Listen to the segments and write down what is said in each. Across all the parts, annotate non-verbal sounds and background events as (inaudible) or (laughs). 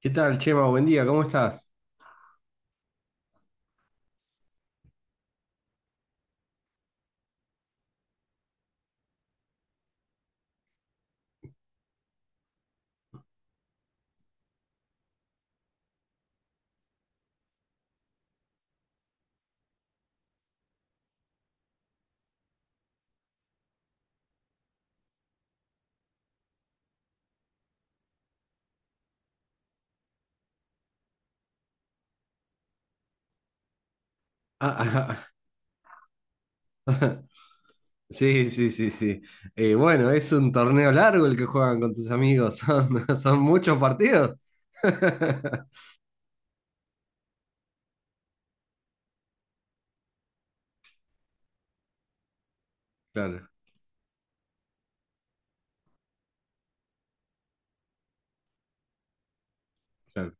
¿Qué tal, Chema? Buen día, ¿cómo estás? Ah, ah, (laughs) Sí, sí, sí, sí. Bueno, es un torneo largo el que juegan con tus amigos, (laughs) son muchos partidos. (laughs) Claro, claro.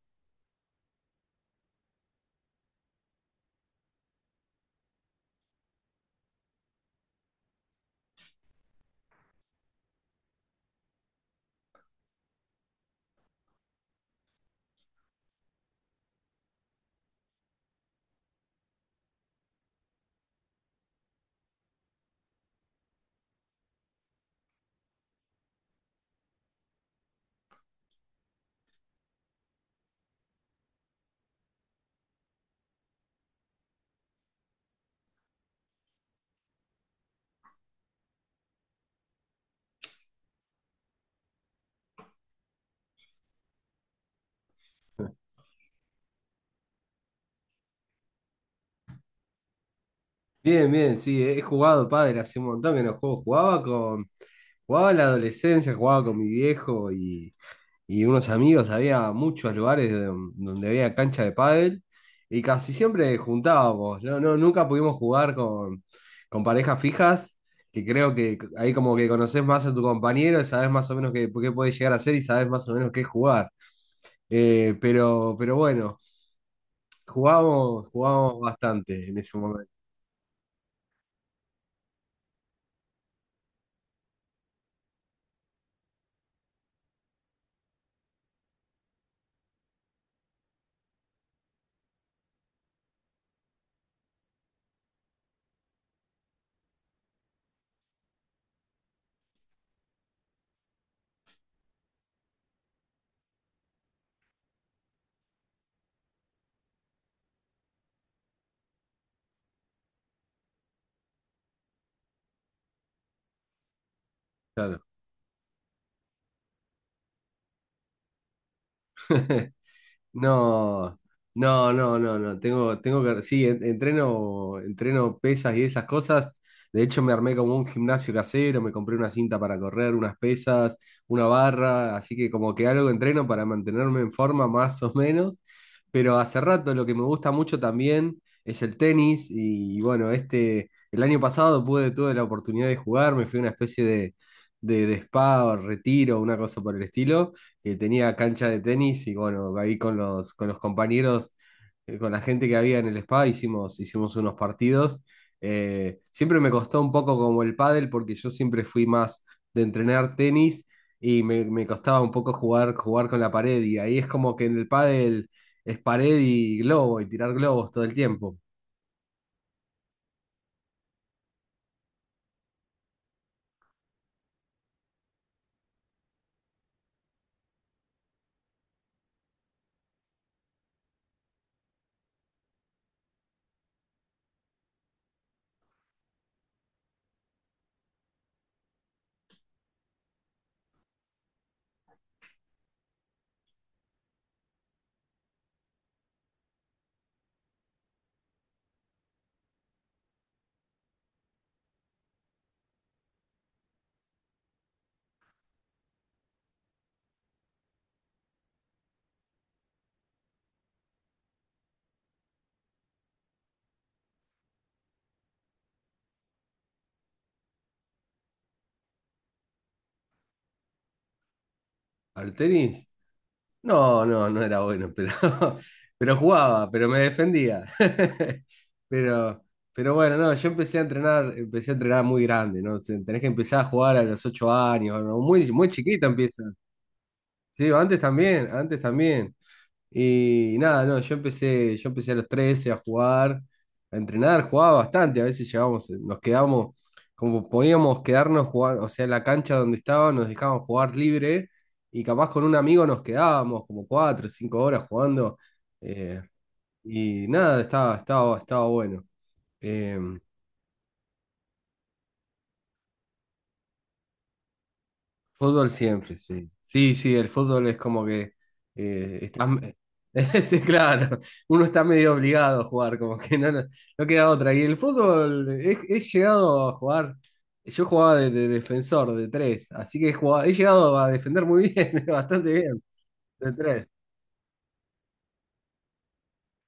Bien, bien, sí, he jugado pádel hace un montón que no juego. Jugaba en la adolescencia, jugaba con mi viejo y unos amigos, había muchos lugares donde había cancha de pádel y casi siempre juntábamos, nunca pudimos jugar con parejas fijas, que creo que ahí como que conoces más a tu compañero, y sabes más o menos qué puede llegar a hacer y sabes más o menos qué jugar. Pero bueno, jugábamos bastante en ese momento, claro. (laughs) No, no. Tengo que, sí, entreno pesas y esas cosas. De hecho, me armé como un gimnasio casero, me compré una cinta para correr, unas pesas, una barra, así que como que algo entreno para mantenerme en forma más o menos. Pero hace rato lo que me gusta mucho también es el tenis y, bueno, este, el año pasado pude, tuve la oportunidad de jugar, me fui a una especie de spa o retiro, una cosa por el estilo que tenía cancha de tenis y bueno, ahí con con los compañeros, con la gente que había en el spa, hicimos unos partidos. Siempre me costó un poco como el pádel porque yo siempre fui más de entrenar tenis y me costaba un poco jugar con la pared y ahí es como que en el pádel es pared y globo y tirar globos todo el tiempo. Al tenis no, no, no era bueno, pero, (laughs) pero jugaba, pero me defendía. (laughs) Pero, pero bueno, no, yo empecé a entrenar muy grande, ¿no? O sea, tenés que empezar a jugar a los 8 años, ¿no? Muy, muy chiquito empieza. Sí, antes también, antes también. Y nada, no, yo empecé a los 13 a jugar, a entrenar, jugaba bastante, a veces llegábamos, nos quedábamos, como podíamos quedarnos jugando, o sea, en la cancha donde estaba nos dejaban jugar libre y capaz con un amigo nos quedábamos como cuatro o 5 horas jugando eh, y nada, estaba bueno. Em, fútbol siempre, sí. Sí, sí, el fútbol es como que eh, está- (laughs) este, claro, uno está medio obligado a jugar, como que no no queda otra. Y el fútbol, he llegado a jugar, yo jugaba de defensor, de tres, así que he llegado a defender muy bien, (laughs) bastante bien, de tres,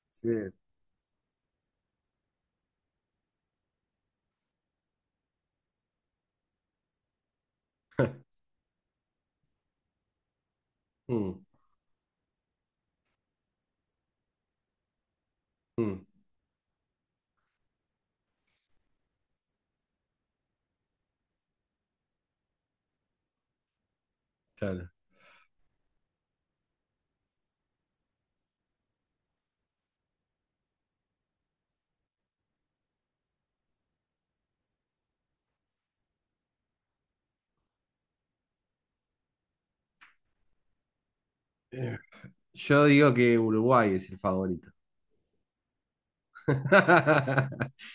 sí. (laughs) Mm, mm, claro. Yo digo que Uruguay es el favorito. (laughs)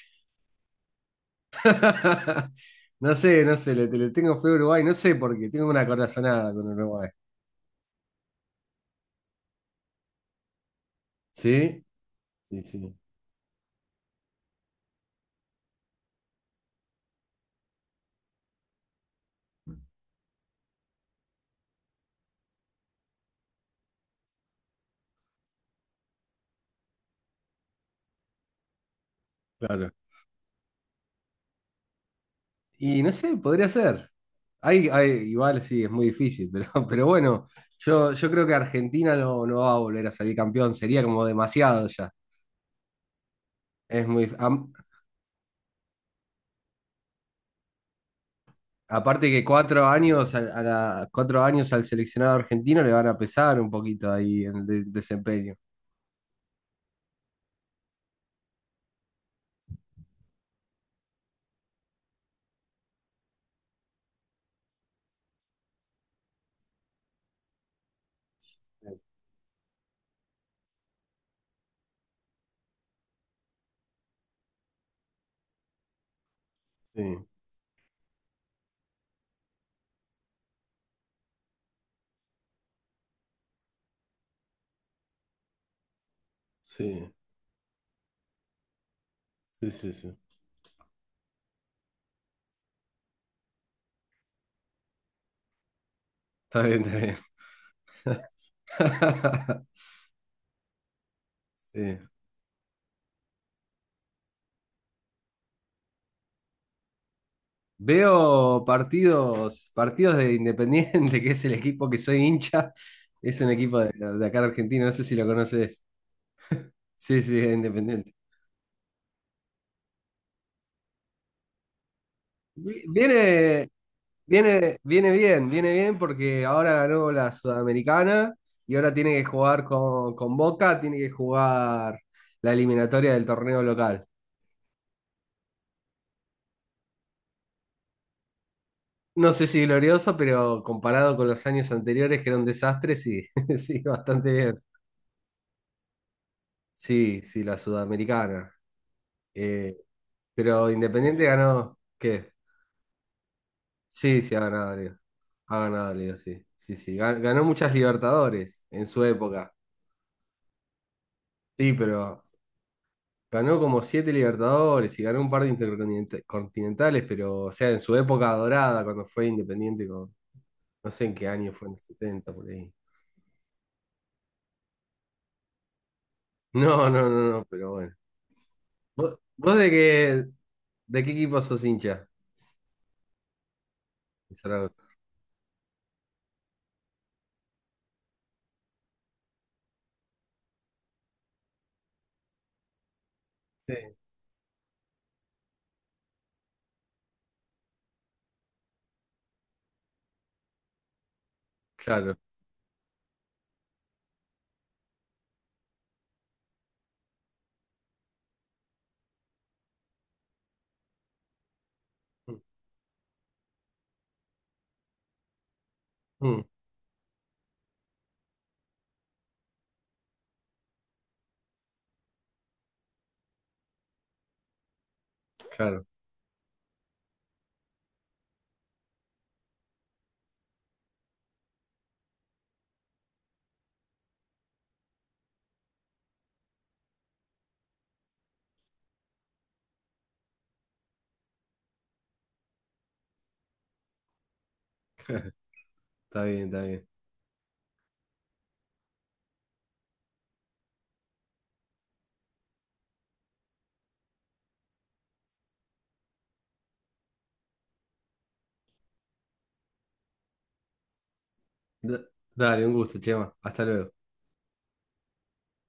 (laughs) No sé, le tengo fe a Uruguay, no sé por qué, tengo una corazonada con Uruguay. ¿Sí? Sí, sí, claro. Y no sé, podría ser. Igual sí, es muy difícil, (laughs) pero bueno, yo creo que Argentina no va a volver a salir campeón, sería como demasiado ya. Es muy, am- aparte que cuatro años, cuatro años al seleccionado argentino le van a pesar un poquito ahí en desempeño. Sí, sí, sí. Está bien, está bien. (laughs) Sí. Veo partidos, partidos de Independiente, (laughs) que es el equipo que soy hincha. Es un equipo de acá de Argentina, no sé si lo conoces. Sí, sí, es Independiente. Vi- Viene, viene bien porque ahora ganó la Sudamericana y ahora tiene que jugar con Boca, tiene que jugar la eliminatoria del torneo local. No sé si glorioso, pero comparado con los años anteriores, que era un desastre, sí, (laughs) sí, bastante bien. Sí, sí, la Sudamericana. Eh, pero Independiente ganó, ¿qué? Sí, sí, ha ganado Liga. Ha ganado Liga, sí. Sí, sí. Ganó muchas Libertadores en su época. Sí, pero ganó como 7 Libertadores y ganó un par de intercontinentales, pero, o sea, en su época dorada, cuando fue Independiente, con, no sé en qué año fue, en los 70 por ahí. No, no, no, no, pero bueno. ¿ vos de qué equipo sos hincha? ¿De Zaragoza? Sí. Claro. Mm, mm, claro, está bien, está bien. Da- Dale, un gusto, Chema. Hasta luego.